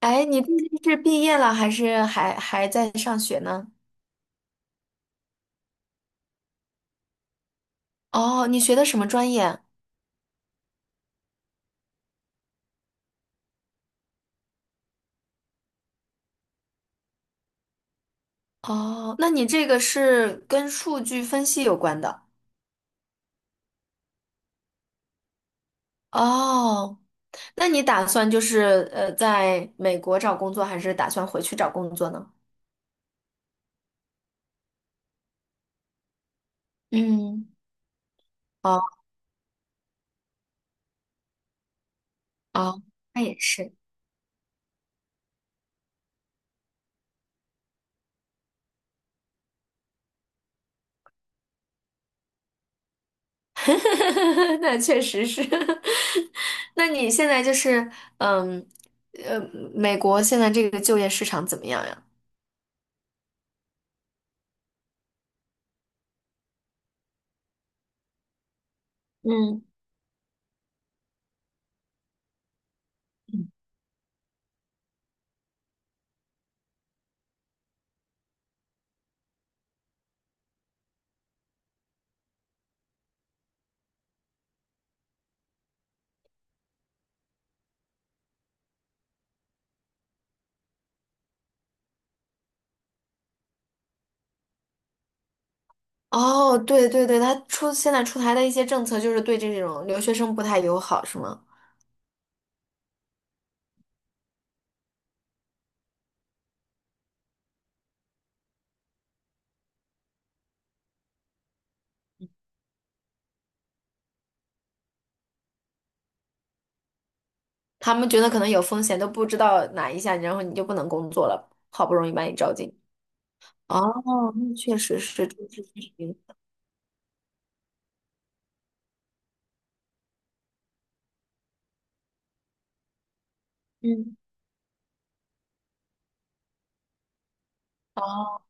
哎，你最近是毕业了还是还在上学呢？哦，你学的什么专业？哦，那你这个是跟数据分析有关的。哦，那你打算就是在美国找工作，还是打算回去找工作呢？嗯，哦哦，那也是。那确实是。那你现在就是嗯呃，美国现在这个就业市场怎么样呀？嗯。哦，对对对，他出现在出台的一些政策就是对这种留学生不太友好，是吗？他们觉得可能有风险，都不知道哪一下，然后你就不能工作了，好不容易把你招进。哦，那确实是，这是确实嗯，哦，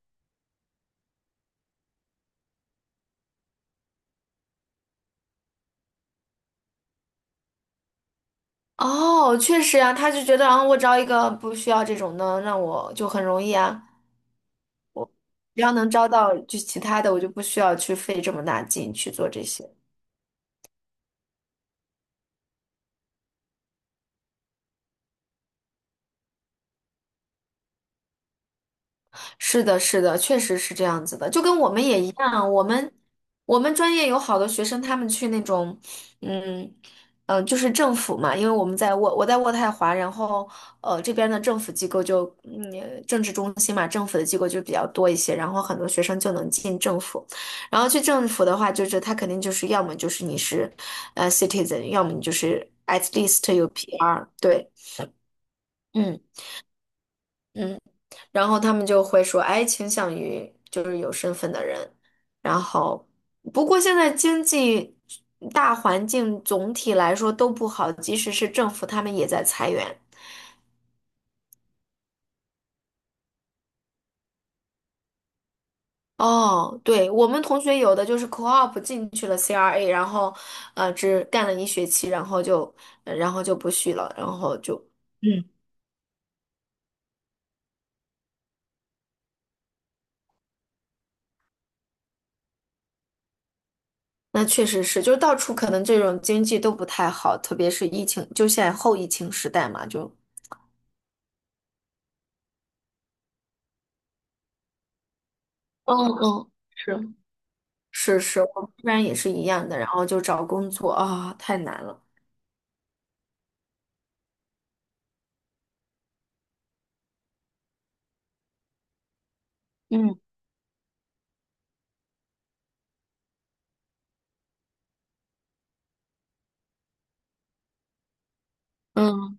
哦，确实啊，他就觉得，啊，我招一个不需要这种的，那我就很容易啊，只要能招到就其他的，我就不需要去费这么大劲去做这些。是的，是的，确实是这样子的，就跟我们也一样，我们专业有好多学生，他们去那种，嗯就是政府嘛，因为我在渥太华，然后这边的政府机构就政治中心嘛，政府的机构就比较多一些，然后很多学生就能进政府，然后去政府的话，就是他肯定就是要么就是你是citizen，要么你就是 at least 有 PR，对，嗯嗯。然后他们就会说，哎，倾向于就是有身份的人。然后，不过现在经济大环境总体来说都不好，即使是政府，他们也在裁员。哦，对，我们同学有的就是 co-op 进去了 CRA，然后，只干了一学期，然后就，然后就不续了，然后就，嗯，那确实是，就是到处可能这种经济都不太好，特别是疫情，就现在后疫情时代嘛，就，嗯嗯。是。是是，我们这边也是一样的，然后就找工作啊，太难了。嗯嗯，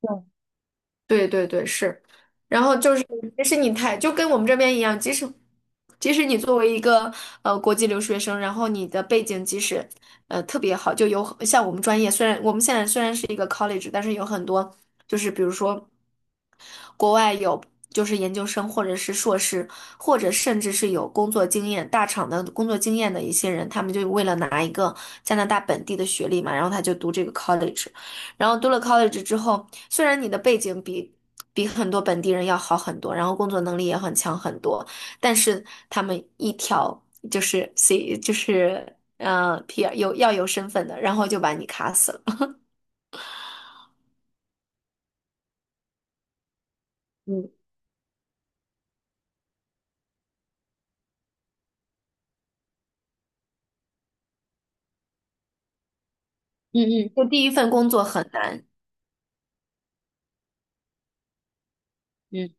对，对对对，是。然后就是，即使你太，就跟我们这边一样，即使你作为一个国际留学生，然后你的背景即使特别好，就有像我们专业，虽然我们现在虽然是一个 college，但是有很多就是比如说。国外有就是研究生或者是硕士，或者甚至是有工作经验、大厂的工作经验的一些人，他们就为了拿一个加拿大本地的学历嘛，然后他就读这个 college，然后读了 college 之后，虽然你的背景比很多本地人要好很多，然后工作能力也很强很多，但是他们一条就是 P R 有要有身份的，然后就把你卡死了。嗯嗯嗯就第一份工作很难。嗯。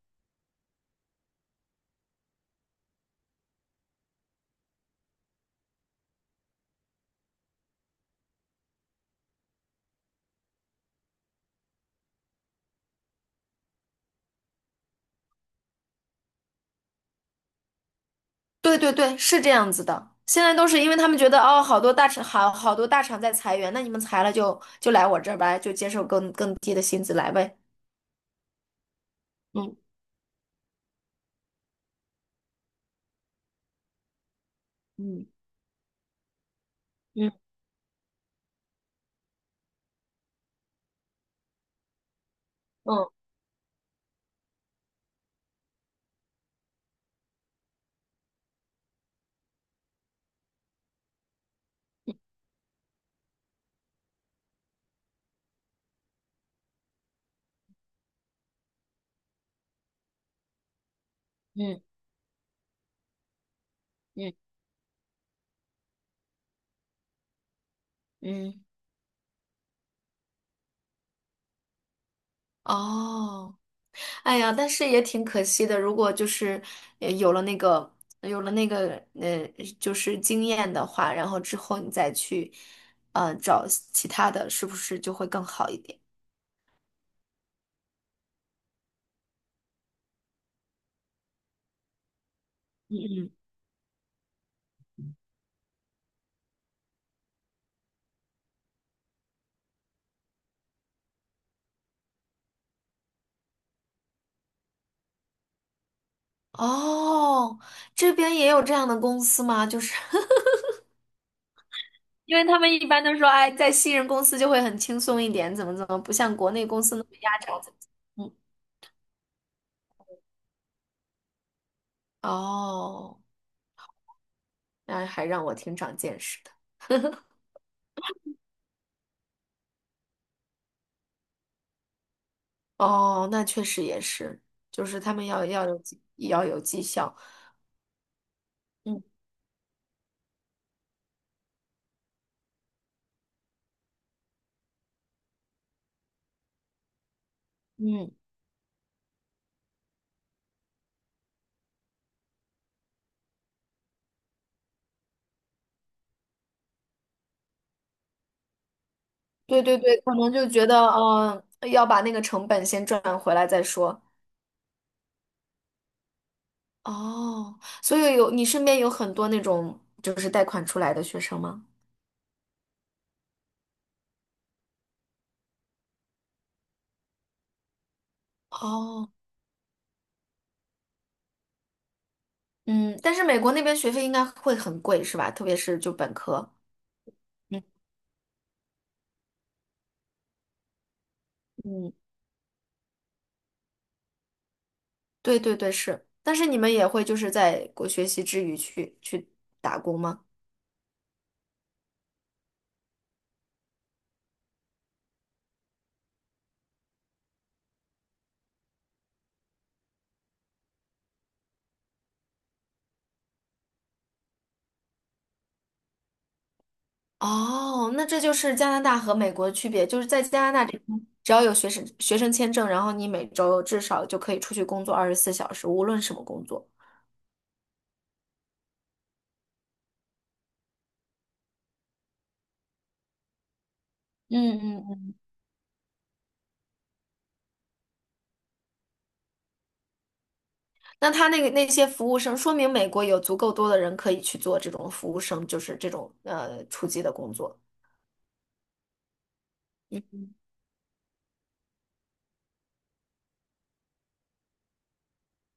对对对，是这样子的。现在都是因为他们觉得哦，好多大厂好好多大厂在裁员，那你们裁了就来我这儿吧，就接受更低的薪资来呗。嗯嗯嗯嗯嗯嗯嗯。哦，哎呀，但是也挺可惜的。如果就是有了那个有了那个呃，就是经验的话，然后之后你再去找其他的，是不是就会更好一点？嗯嗯。哦，这边也有这样的公司吗？就是 因为他们一般都说，哎，在新人公司就会很轻松一点，怎么怎么，不像国内公司那么压榨，怎么怎么嗯，哦，那还让我挺长见识的。哦，那确实也是，就是他们要有绩效。嗯嗯，对对对，可能就觉得，嗯、要把那个成本先赚回来再说。哦，所以你身边有很多那种就是贷款出来的学生吗？哦。嗯，但是美国那边学费应该会很贵，是吧？特别是就本科。嗯，嗯，对对对，是。但是你们也会就是学习之余去打工吗？哦，那这就是加拿大和美国的区别，就是在加拿大这边，只要有学生签证，然后你每周至少就可以出去工作24小时，无论什么工作。嗯嗯嗯，那他那个那些服务生，说明美国有足够多的人可以去做这种服务生，就是这种初级的工作。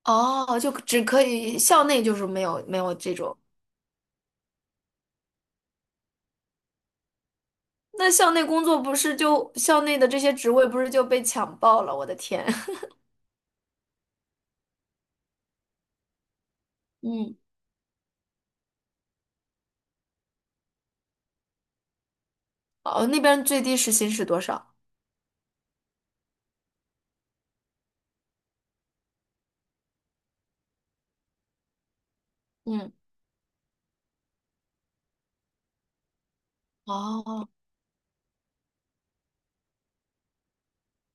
哦，就只可以校内就是没有没有这种，那校内工作不是就校内的这些职位不是就被抢爆了？我的天，嗯，哦，那边最低时薪是多少？嗯，哦，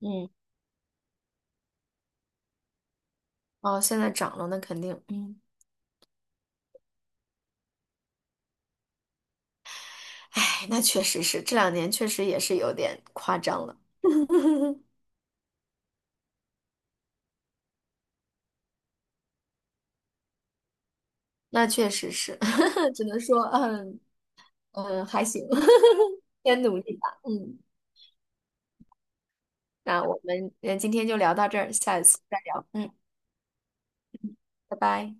嗯，哦，现在涨了，那肯定，嗯，哎，那确实是这2年确实也是有点夸张了，那确实是，只能说，嗯嗯，还行，先努力吧，嗯，那我们今天就聊到这儿，下一次再聊，嗯，拜拜。